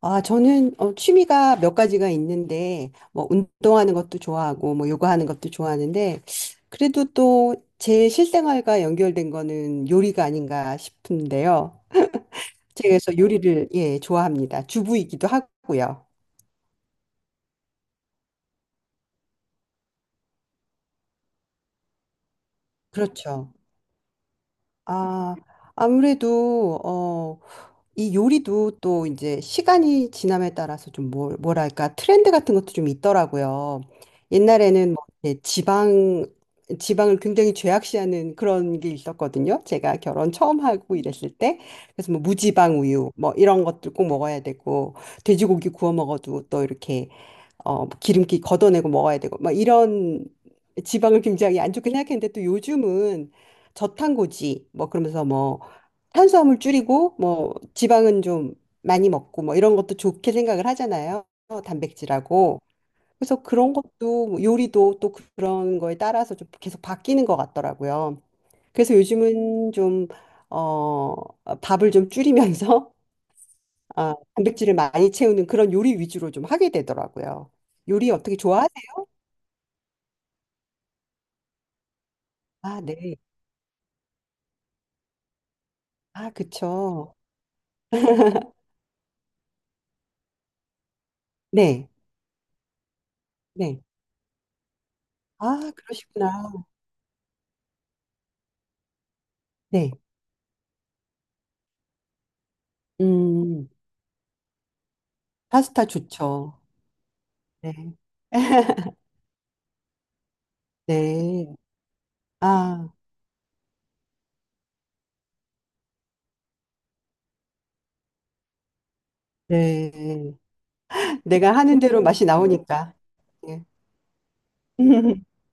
아, 저는 취미가 몇 가지가 있는데, 뭐, 운동하는 것도 좋아하고, 뭐, 요가하는 것도 좋아하는데, 그래도 또 제 실생활과 연결된 거는 요리가 아닌가 싶은데요. 제가 그래서 요리를, 예, 좋아합니다. 주부이기도 하고요. 그렇죠. 아, 아무래도, 이 요리도 또 이제 시간이 지남에 따라서 좀 뭘, 뭐랄까 트렌드 같은 것도 좀 있더라고요. 옛날에는 뭐 이렇게 지방을 굉장히 죄악시하는 그런 게 있었거든요. 제가 결혼 처음 하고 이랬을 때 그래서 뭐 무지방 우유 뭐 이런 것들 꼭 먹어야 되고 돼지고기 구워 먹어도 또 이렇게 기름기 걷어내고 먹어야 되고, 막 이런 지방을 굉장히 안 좋게 생각했는데 또 요즘은 저탄고지, 뭐 그러면서 뭐 탄수화물 줄이고, 뭐 지방은 좀 많이 먹고, 뭐 이런 것도 좋게 생각을 하잖아요. 단백질하고. 그래서 그런 것도 뭐 요리도 또 그런 거에 따라서 좀 계속 바뀌는 것 같더라고요. 그래서 요즘은 좀, 어, 밥을 좀 줄이면서 아, 단백질을 많이 채우는 그런 요리 위주로 좀 하게 되더라고요. 요리 어떻게 좋아? 아, 네. 아, 그쵸. 네. 네. 아, 그러시구나. 네. 음, 파스타 좋죠. 네. 네. 아, 네. 내가 하는 대로 맛이 나오니까. 네.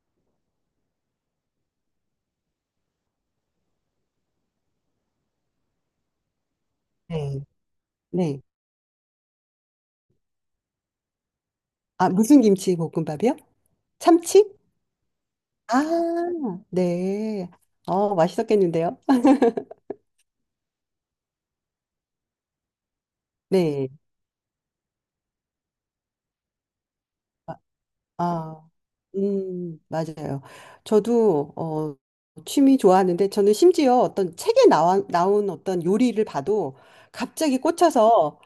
네. 네. 아, 무슨 김치 볶음밥이요? 참치? 아, 네. 어, 맛있었겠는데요? 네. 아, 맞아요. 저도 취미 좋아하는데 저는 심지어 어떤 책에 나온 어떤 요리를 봐도 갑자기 꽂혀서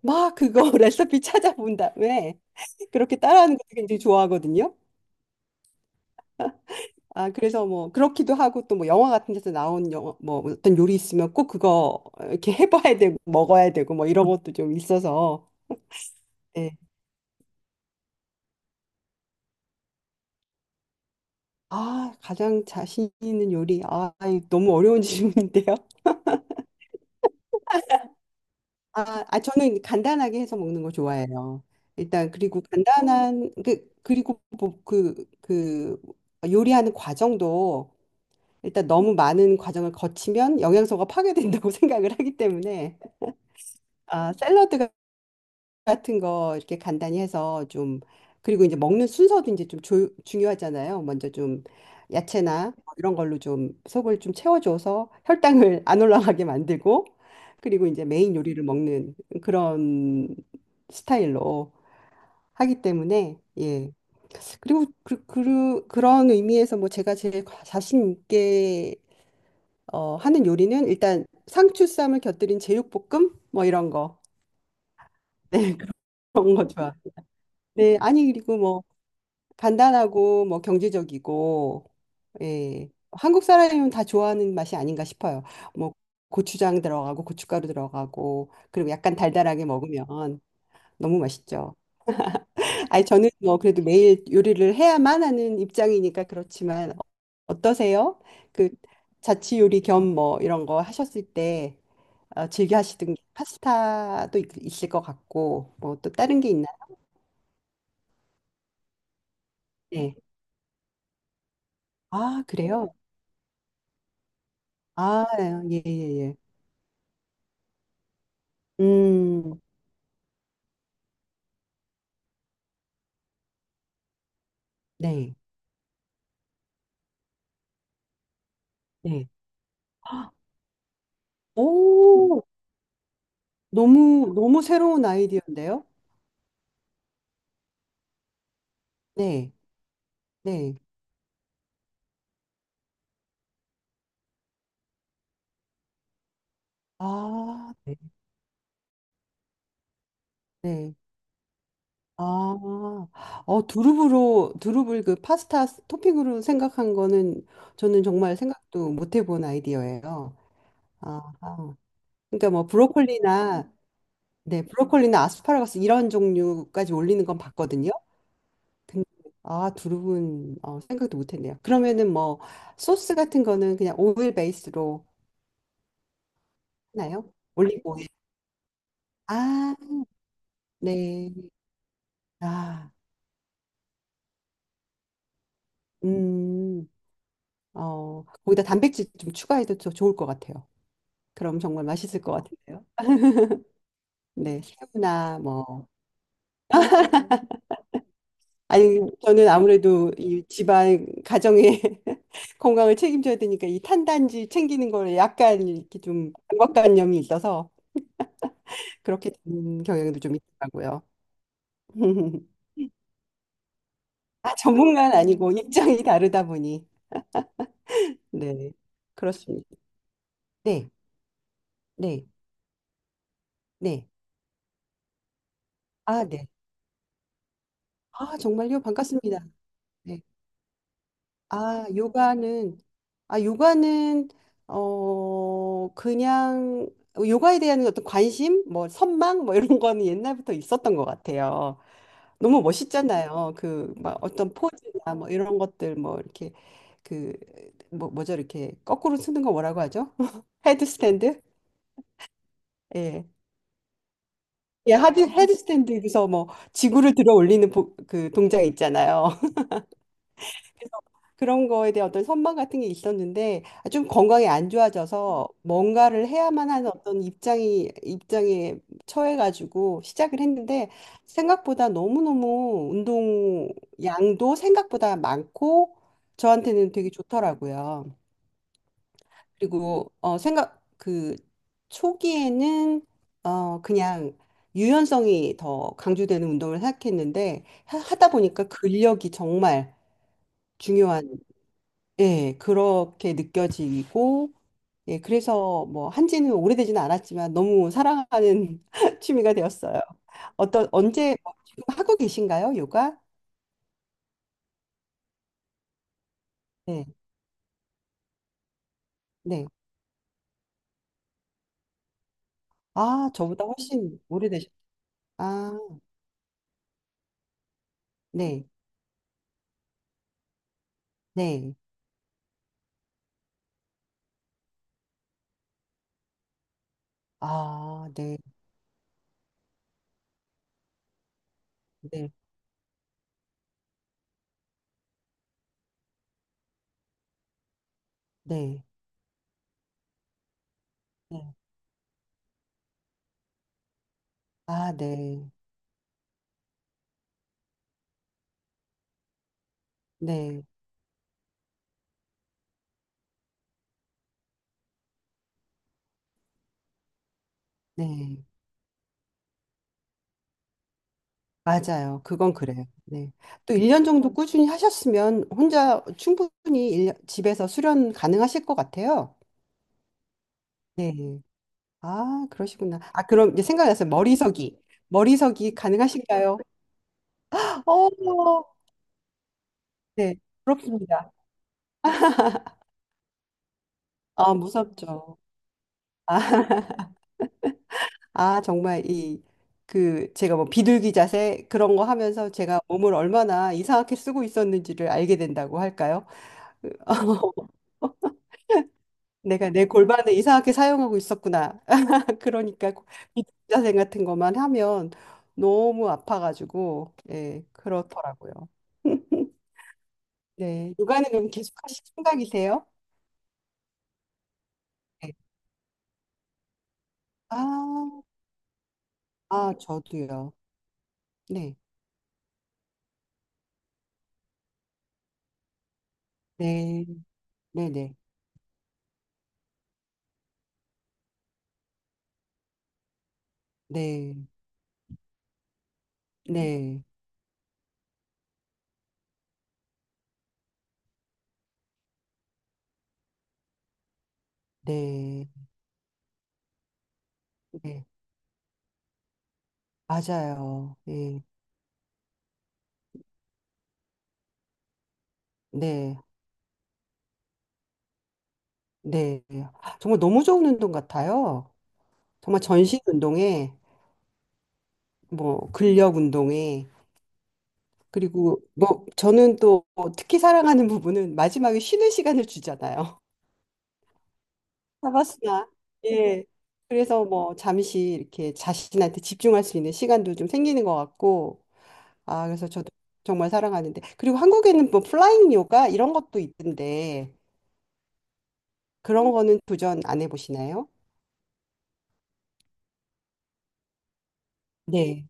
막 그거 레시피 찾아본 다음에 그렇게 따라하는 것도 굉장히 좋아하거든요. 아, 그래서 뭐 그렇기도 하고 또 뭐 영화 같은 데서 나온 영화 뭐 어떤 요리 있으면 꼭 그거 이렇게 해봐야 되고 먹어야 되고 뭐 이런 것도 좀 있어서. 네. 아, 가장 자신 있는 요리. 아, 이 너무 어려운 질문인데요. 아, 아, 저는 간단하게 해서 먹는 거 좋아해요. 일단 그리고 간단한 그 그리고 뭐그그 요리하는 과정도 일단 너무 많은 과정을 거치면 영양소가 파괴된다고 생각을 하기 때문에 아, 샐러드 같은 거 이렇게 간단히 해서 좀 그리고 이제 먹는 순서도 이제 좀 중요하잖아요. 먼저 좀 야채나 뭐 이런 걸로 좀 속을 좀 채워줘서 혈당을 안 올라가게 만들고 그리고 이제 메인 요리를 먹는 그런 스타일로 하기 때문에 예. 그리고 그런 의미에서 뭐 제가 제일 자신 있게 하는 요리는 일단 상추쌈을 곁들인 제육볶음 뭐 이런 거. 네, 그런 거 좋아. 네, 아니 그리고 뭐 간단하고 뭐 경제적이고 예. 한국 사람이면 다 좋아하는 맛이 아닌가 싶어요. 뭐 고추장 들어가고 고춧가루 들어가고 그리고 약간 달달하게 먹으면 너무 맛있죠. 아니 저는 뭐 그래도 매일 요리를 해야만 하는 입장이니까 그렇지만 어떠세요? 그 자취 요리 겸 뭐 이런 거 하셨을 때 즐겨 하시던 게 파스타도 있을 것 같고 뭐 또 다른 게 있나요? 네. 아, 그래요? 아, 예, 예, 예. 음. 네, 네. 헉, 오, 너무, 너무 새로운 아이디어인데요? 네, 네. 아, 네, 네. 아, 두릅을 그 파스타 토핑으로 생각한 거는 저는 정말 생각도 못 해본 아이디어예요. 아, 아. 그러니까 뭐 브로콜리나, 네, 브로콜리나 아스파라거스 이런 종류까지 올리는 건 봤거든요. 근데 아, 두릅은 어, 생각도 못 했네요. 그러면은 뭐 소스 같은 거는 그냥 오일 베이스로 나요? 올리브오일. 아, 네. 아, 음, 거기다 단백질 좀 추가해도 더 좋을 것 같아요. 그럼 정말 맛있을 것 같은데요. 네, 새우나 뭐. 아니, 저는 아무래도 이 집안 가정의 건강을 책임져야 되니까 이 탄단지 챙기는 거에 약간 이렇게 좀 강박관념이 있어서 그렇게 되는 경향도 좀 있더라고요. 아, 전문가는 아니고 입장이 다르다 보니. 네, 그렇습니다. 네, 네, 네. 아, 네. 아, 정말요? 반갑습니다. 네. 아, 요가는, 아, 요가는, 그냥, 요가에 대한 어떤 관심, 뭐, 선망, 뭐, 이런 거는 옛날부터 있었던 것 같아요. 너무 멋있잖아요. 그, 막 어떤 포즈나 뭐, 이런 것들, 뭐, 이렇게, 그, 뭐, 뭐죠? 이렇게, 거꾸로 쓰는 거 뭐라고 하죠? 헤드스탠드? 예. 예, 헤드스탠드에서 뭐, 지구를 들어 올리는 그 동작 있잖아요. 그래서 그런 거에 대한 어떤 선망 같은 게 있었는데 아, 좀 건강이 안 좋아져서 뭔가를 해야만 하는 어떤 입장이 입장에 처해가지고 시작을 했는데 생각보다 너무너무 운동 양도 생각보다 많고 저한테는 되게 좋더라고요. 그리고 어 생각 그 초기에는 그냥 유연성이 더 강조되는 운동을 생각했는데 하다 보니까 근력이 정말 중요한 예, 그렇게 느껴지고, 예, 그래서 뭐 한지는 오래되지는 않았지만 너무 사랑하는 취미가 되었어요. 어떤, 언제, 뭐 지금 하고 계신가요, 요가? 네, 네. 아, 저보다 훨씬 오래되셨, 아, 네, 네. 아, 네, 네, 네, 네. 아, 네, 네, 네. 맞아요. 그건 그래요. 네. 또 1년 정도 꾸준히 하셨으면 혼자 충분히 일년 집에서 수련 가능하실 것 같아요. 네. 아, 그러시구나. 아, 그럼 이제 생각났어요. 머리서기. 머리서기 가능하신가요? 어, 네, 부럽습니다. 아, 무섭죠. 아, 아, 정말 이, 그, 제가 뭐 비둘기 자세 그런 거 하면서 제가 몸을 얼마나 이상하게 쓰고 있었는지를 알게 된다고 할까요? 내가 내 골반을 이상하게 사용하고 있었구나. 그러니까 비둘기 자세 같은 것만 하면 너무 아파가지고, 예, 그렇더라고요. 네. 육아는 그럼 계속 하실 생각이세요? 네. 아, 아, 저도요. 네. 네. 네 네. 네. 네. 네. 네. 네. 맞아요. 네. 네. 네. 정말 너무 좋은 운동 같아요. 정말 전신 운동에, 뭐, 근력 운동에, 그리고 뭐, 저는 또 특히 사랑하는 부분은 마지막에 쉬는 시간을 주잖아요. 타바스나. 예. 그래서 뭐 잠시 이렇게 자신한테 집중할 수 있는 시간도 좀 생기는 것 같고, 아, 그래서 저도 정말 사랑하는데. 그리고 한국에는 뭐 플라잉 요가 이런 것도 있던데, 그런 거는 도전 안 해보시나요? 네.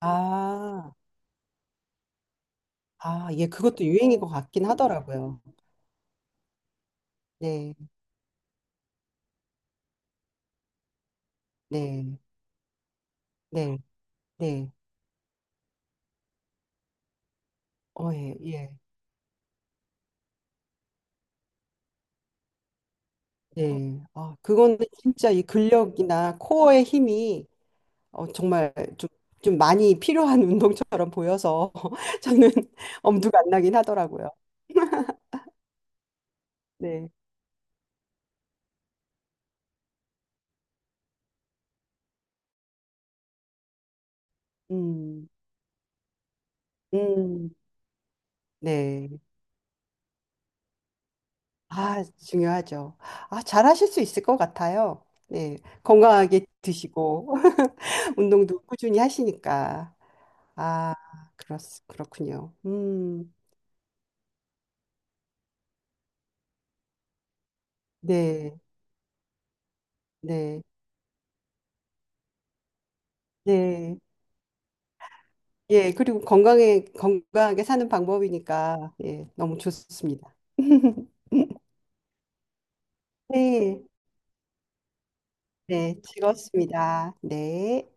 아, 아, 예, 그것도 유행인 것 같긴 하더라고요. 네, 네, 네, 네. 어, 예, 예, 네. 아, 그거는 진짜 이 근력이나 코어의 힘이 정말 좀, 좀 많이 필요한 운동처럼 보여서 저는 엄두가 안 나긴 하더라고요. 네. 음, 음, 네. 아, 중요하죠. 아, 잘하실 수 있을 것 같아요. 네. 건강하게 드시고, 운동도 꾸준히 하시니까. 아, 그렇, 그렇군요. 네, 네, 네. 예, 그리고 건강에, 건강하게 사는 방법이니까, 예, 너무 좋습니다. 네. 네, 즐거웠습니다. 네.